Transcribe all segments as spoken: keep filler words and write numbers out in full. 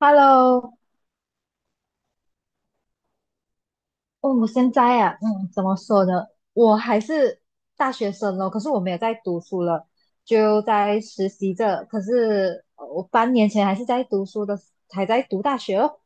Hello，哦，我现在啊，嗯，怎么说呢？我还是大学生咯，可是我没有在读书了，就在实习着。可是呃我半年前还是在读书的，还在读大学哦。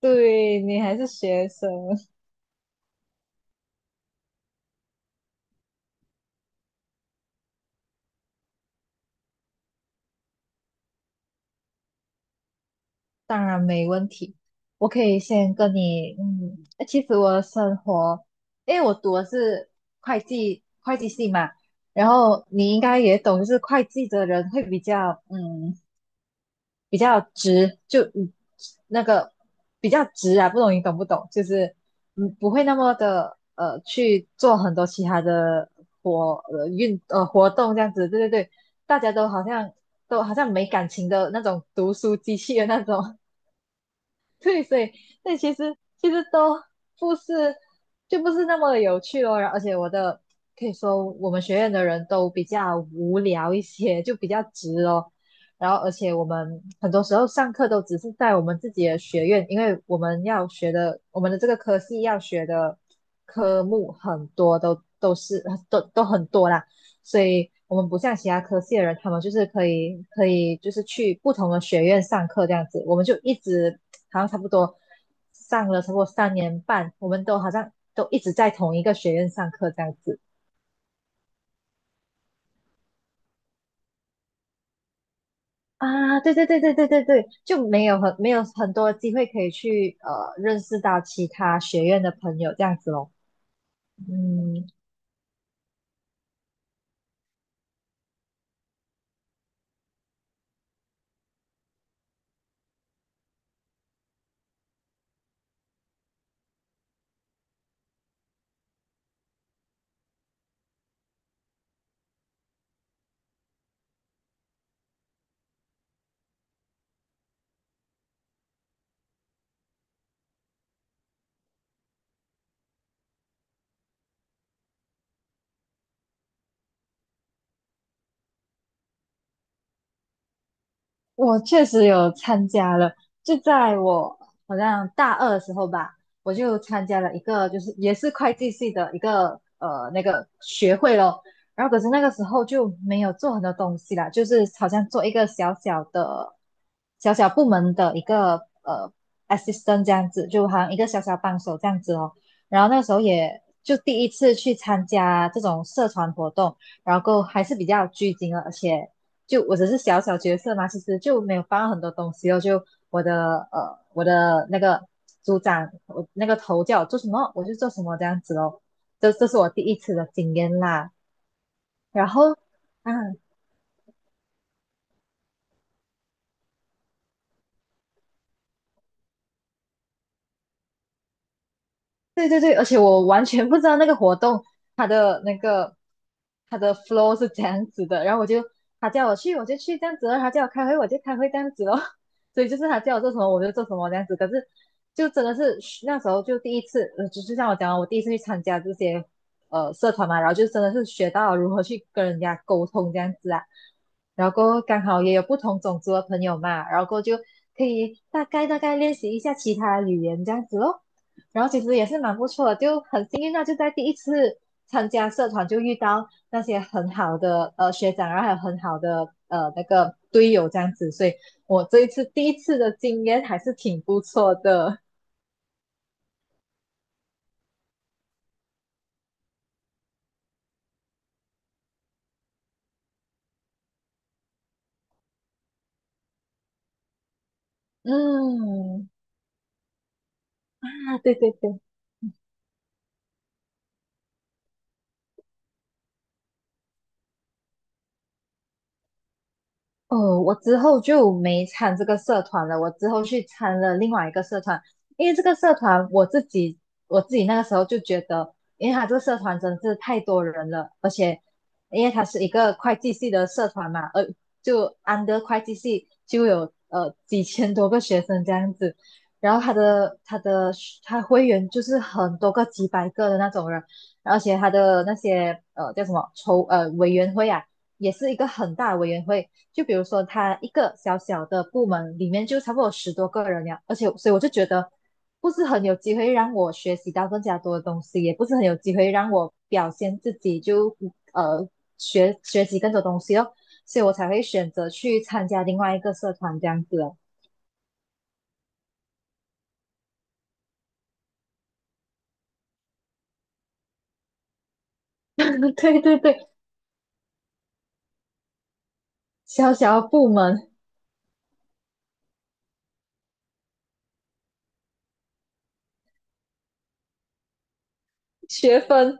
对，你还是学生，当然没问题。我可以先跟你，嗯，呃其实我的生活，因为我读的是会计会计系嘛，然后你应该也懂，就是会计的人会比较，嗯。比较直，就嗯那个比较直啊，不懂你懂不懂？就是嗯不会那么的呃去做很多其他的活呃运呃活动这样子，对对对，大家都好像都好像没感情的那种读书机器的那种，对，所以所以其实其实都不是就不是那么有趣咯。然后而且我的可以说我们学院的人都比较无聊一些，就比较直哦。然后而且我们很多时候上课都只是在我们自己的学院，因为我们要学的我们的这个科系要学的科目很多都都是都都很多啦，所以。我们不像其他科系的人，他们就是可以可以就是去不同的学院上课这样子，我们就一直好像差不多上了差不多三年半，我们都好像都一直在同一个学院上课这样子啊。对对对对对对对，就没有很没有很多机会可以去呃认识到其他学院的朋友这样子咯。嗯，我确实有参加了，就在我好像大二的时候吧，我就参加了一个，就是也是会计系的一个呃那个学会咯。然后可是那个时候就没有做很多东西啦，就是好像做一个小小的、小小部门的一个呃 assistant 这样子，就好像一个小小帮手这样子哦。然后那时候也就第一次去参加这种社团活动，然后还是比较拘谨的，而且就我只是小小角色嘛，其实就没有放很多东西哦。就我的呃，我的那个组长，我那个头叫我做什么，我就做什么这样子哦。这这是我第一次的经验啦。然后啊，对对对，而且我完全不知道那个活动它的那个它的 flow 是这样子的，然后我就他叫我去我就去这样子咯，他叫我开会我就开会这样子咯，所以就是他叫我做什么我就做什么这样子。可是就真的是那时候就第一次，呃，就就像我讲的我第一次去参加这些呃社团嘛，然后就真的是学到如何去跟人家沟通这样子啊。然后过后刚好也有不同种族的朋友嘛，然后过后就可以大概大概练习一下其他语言这样子咯。然后其实也是蛮不错的，就很幸运啊，就在第一次参加社团就遇到那些很好的呃学长啊，然后还有很好的呃那个队友这样子，所以我这一次第一次的经验还是挺不错的。嗯，啊，对对对，哦，我之后就没参这个社团了，我之后去参了另外一个社团，因为这个社团我自己我自己那个时候就觉得，因为他这个社团真的是太多人了，而且因为他是一个会计系的社团嘛，呃，就安德会计系就有呃几千多个学生这样子，然后他的他的他会员就是很多个几百个的那种人，而且他的那些呃叫什么筹呃委员会啊。也是一个很大的委员会，就比如说他一个小小的部门里面就差不多十多个人呀，而且所以我就觉得不是很有机会让我学习到更加多的东西，也不是很有机会让我表现自己就呃学学习更多东西哦，所以我才会选择去参加另外一个社团这样子哦。对对对，小小的部门学分，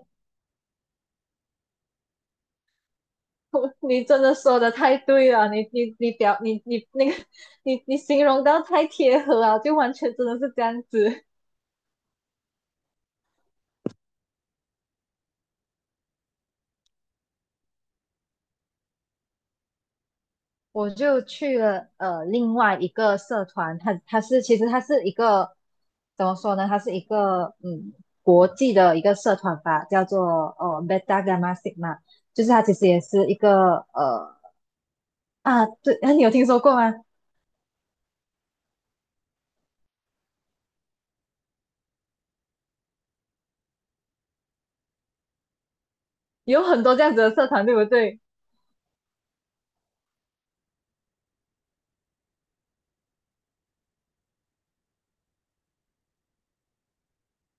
你真的说的太对了，你你你表你你那个 你你形容到太贴合了，就完全真的是这样子。我就去了呃另外一个社团，它它是其实它是一个怎么说呢？它是一个嗯国际的一个社团吧，叫做呃 b e d a Gamma s i g m 就是它其实也是一个呃啊对，你有听说过吗？有很多这样子的社团，对不对？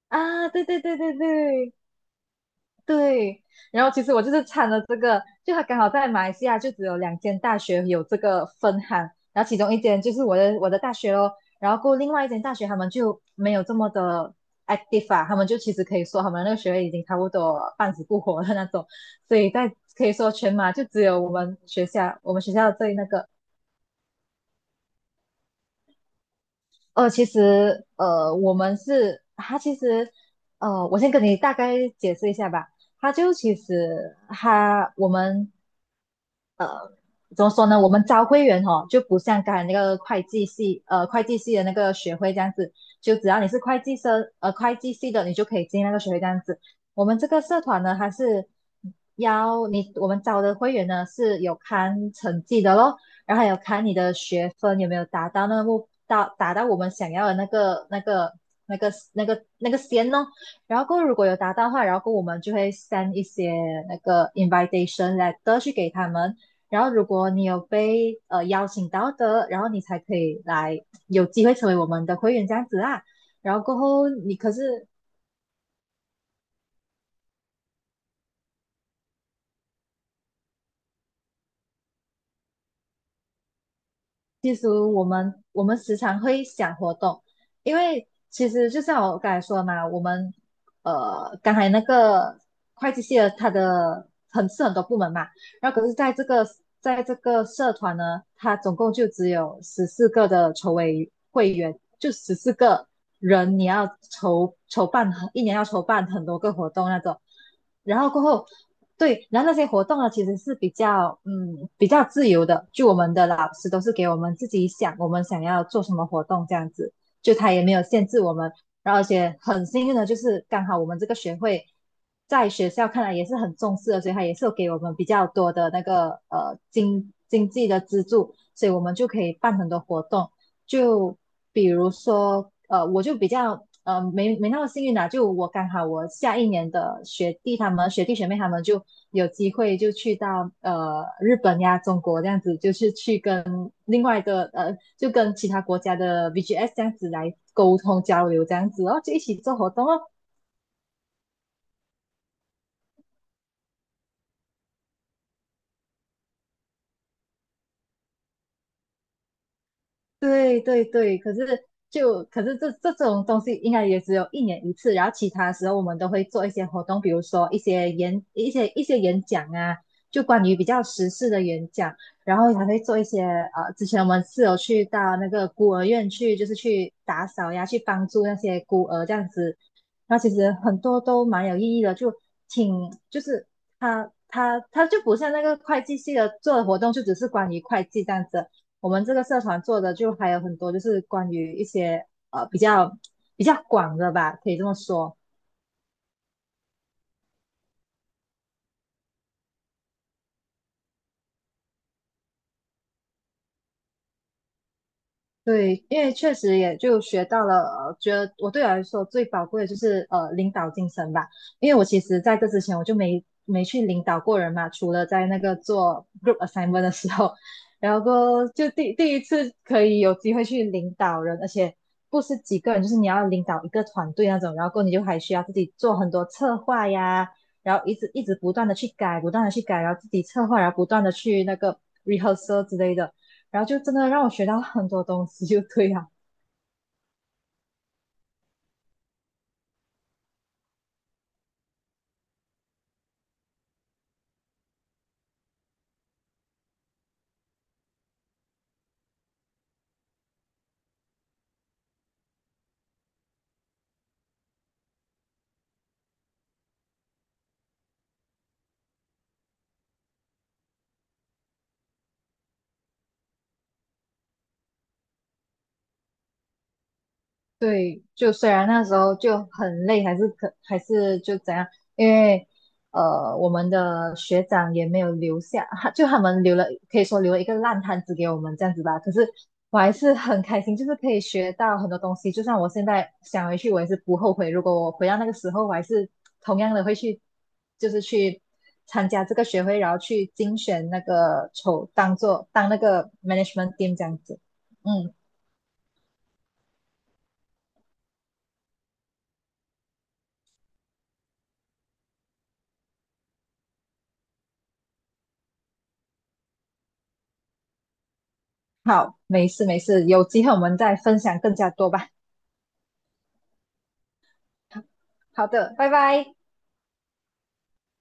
啊，对对对对对，对，然后其实我就是参了这个，就他刚好在马来西亚就只有两间大学有这个分行，然后其中一间就是我的我的大学咯，然后过后另外一间大学他们就没有这么的 active 啊，他们就其实可以说他们那个学位已经差不多半死不活的那种，所以在可以说全马就只有我们学校我们学校最那个，呃，其实呃，我们是他，其实呃，我先跟你大概解释一下吧。他就其实他我们呃怎么说呢？我们招会员哦，就不像刚才那个会计系，呃，会计系的那个学会这样子，就只要你是会计生，呃，会计系的，你就可以进那个学会这样子。我们这个社团呢，它是要你，我们招的会员呢是有看成绩的咯，然后还有看你的学分有没有达到那个目，到达到我们想要的那个那个那个那个那个线哦。然后过后如果有达到的话，然后过后我们就会 send 一些那个 invitation letter 去给他们。然后如果你有被呃邀请到的，然后你才可以来有机会成为我们的会员这样子啊。然后过后你可是其实我们我们时常会想活动，因为其实就像我刚才说的嘛，我们呃刚才那个会计系的它的很是很多部门嘛，然后可是在这个在这个社团呢，它总共就只有十四个的筹委会员，就十四个人，你要筹筹办一年要筹办很多个活动那种，然后过后对，然后那些活动呢，其实是比较嗯比较自由的，就我们的老师都是给我们自己想，我们想要做什么活动这样子，就他也没有限制我们。然后而且很幸运的就是刚好我们这个学会在学校看来也是很重视的，所以他也是有给我们比较多的那个呃经经济的资助，所以我们就可以办很多活动。就比如说，呃，我就比较呃没没那么幸运啦、就我刚好我下一年的学弟他们学弟学妹他们就有机会就去到呃日本呀、中国这样子，就是去跟另外的呃就跟其他国家的 V G S 这样子来沟通交流这样子，哦，就一起做活动哦。对对对，可是就可是这这种东西应该也只有一年一次，然后其他时候我们都会做一些活动，比如说一些演一些一些演讲啊，就关于比较时事的演讲，然后还会做一些呃，之前我们是有去到那个孤儿院去，就是去打扫呀，去帮助那些孤儿这样子，然后其实很多都蛮有意义的，就挺就是他他他就不像那个会计系的做的活动，就只是关于会计这样子。我们这个社团做的就还有很多，就是关于一些呃比较比较广的吧，可以这么说。对，因为确实也就学到了，呃，觉得我对我来说最宝贵的就是呃领导精神吧。因为我其实在这之前我就没没去领导过人嘛，除了在那个做 group assignment 的时候，然后过后就第第一次可以有机会去领导人，而且不是几个人，就是你要领导一个团队那种，然后过后你就还需要自己做很多策划呀，然后一直一直不断的去改，不断的去改，然后自己策划，然后不断的去那个 rehearsal 之类的。然后就真的让我学到很多东西，就对了。对，就虽然那时候就很累，还是可还是就怎样，因为呃，我们的学长也没有留下，他就他们留了，可以说留了一个烂摊子给我们这样子吧。可是我还是很开心，就是可以学到很多东西。就算我现在想回去，我也是不后悔。如果我回到那个时候，我还是同样的会去，就是去参加这个学会，然后去竞选那个筹，当做当那个 management team 这样子。嗯，好，没事没事，有机会我们再分享更加多吧。好的，拜拜。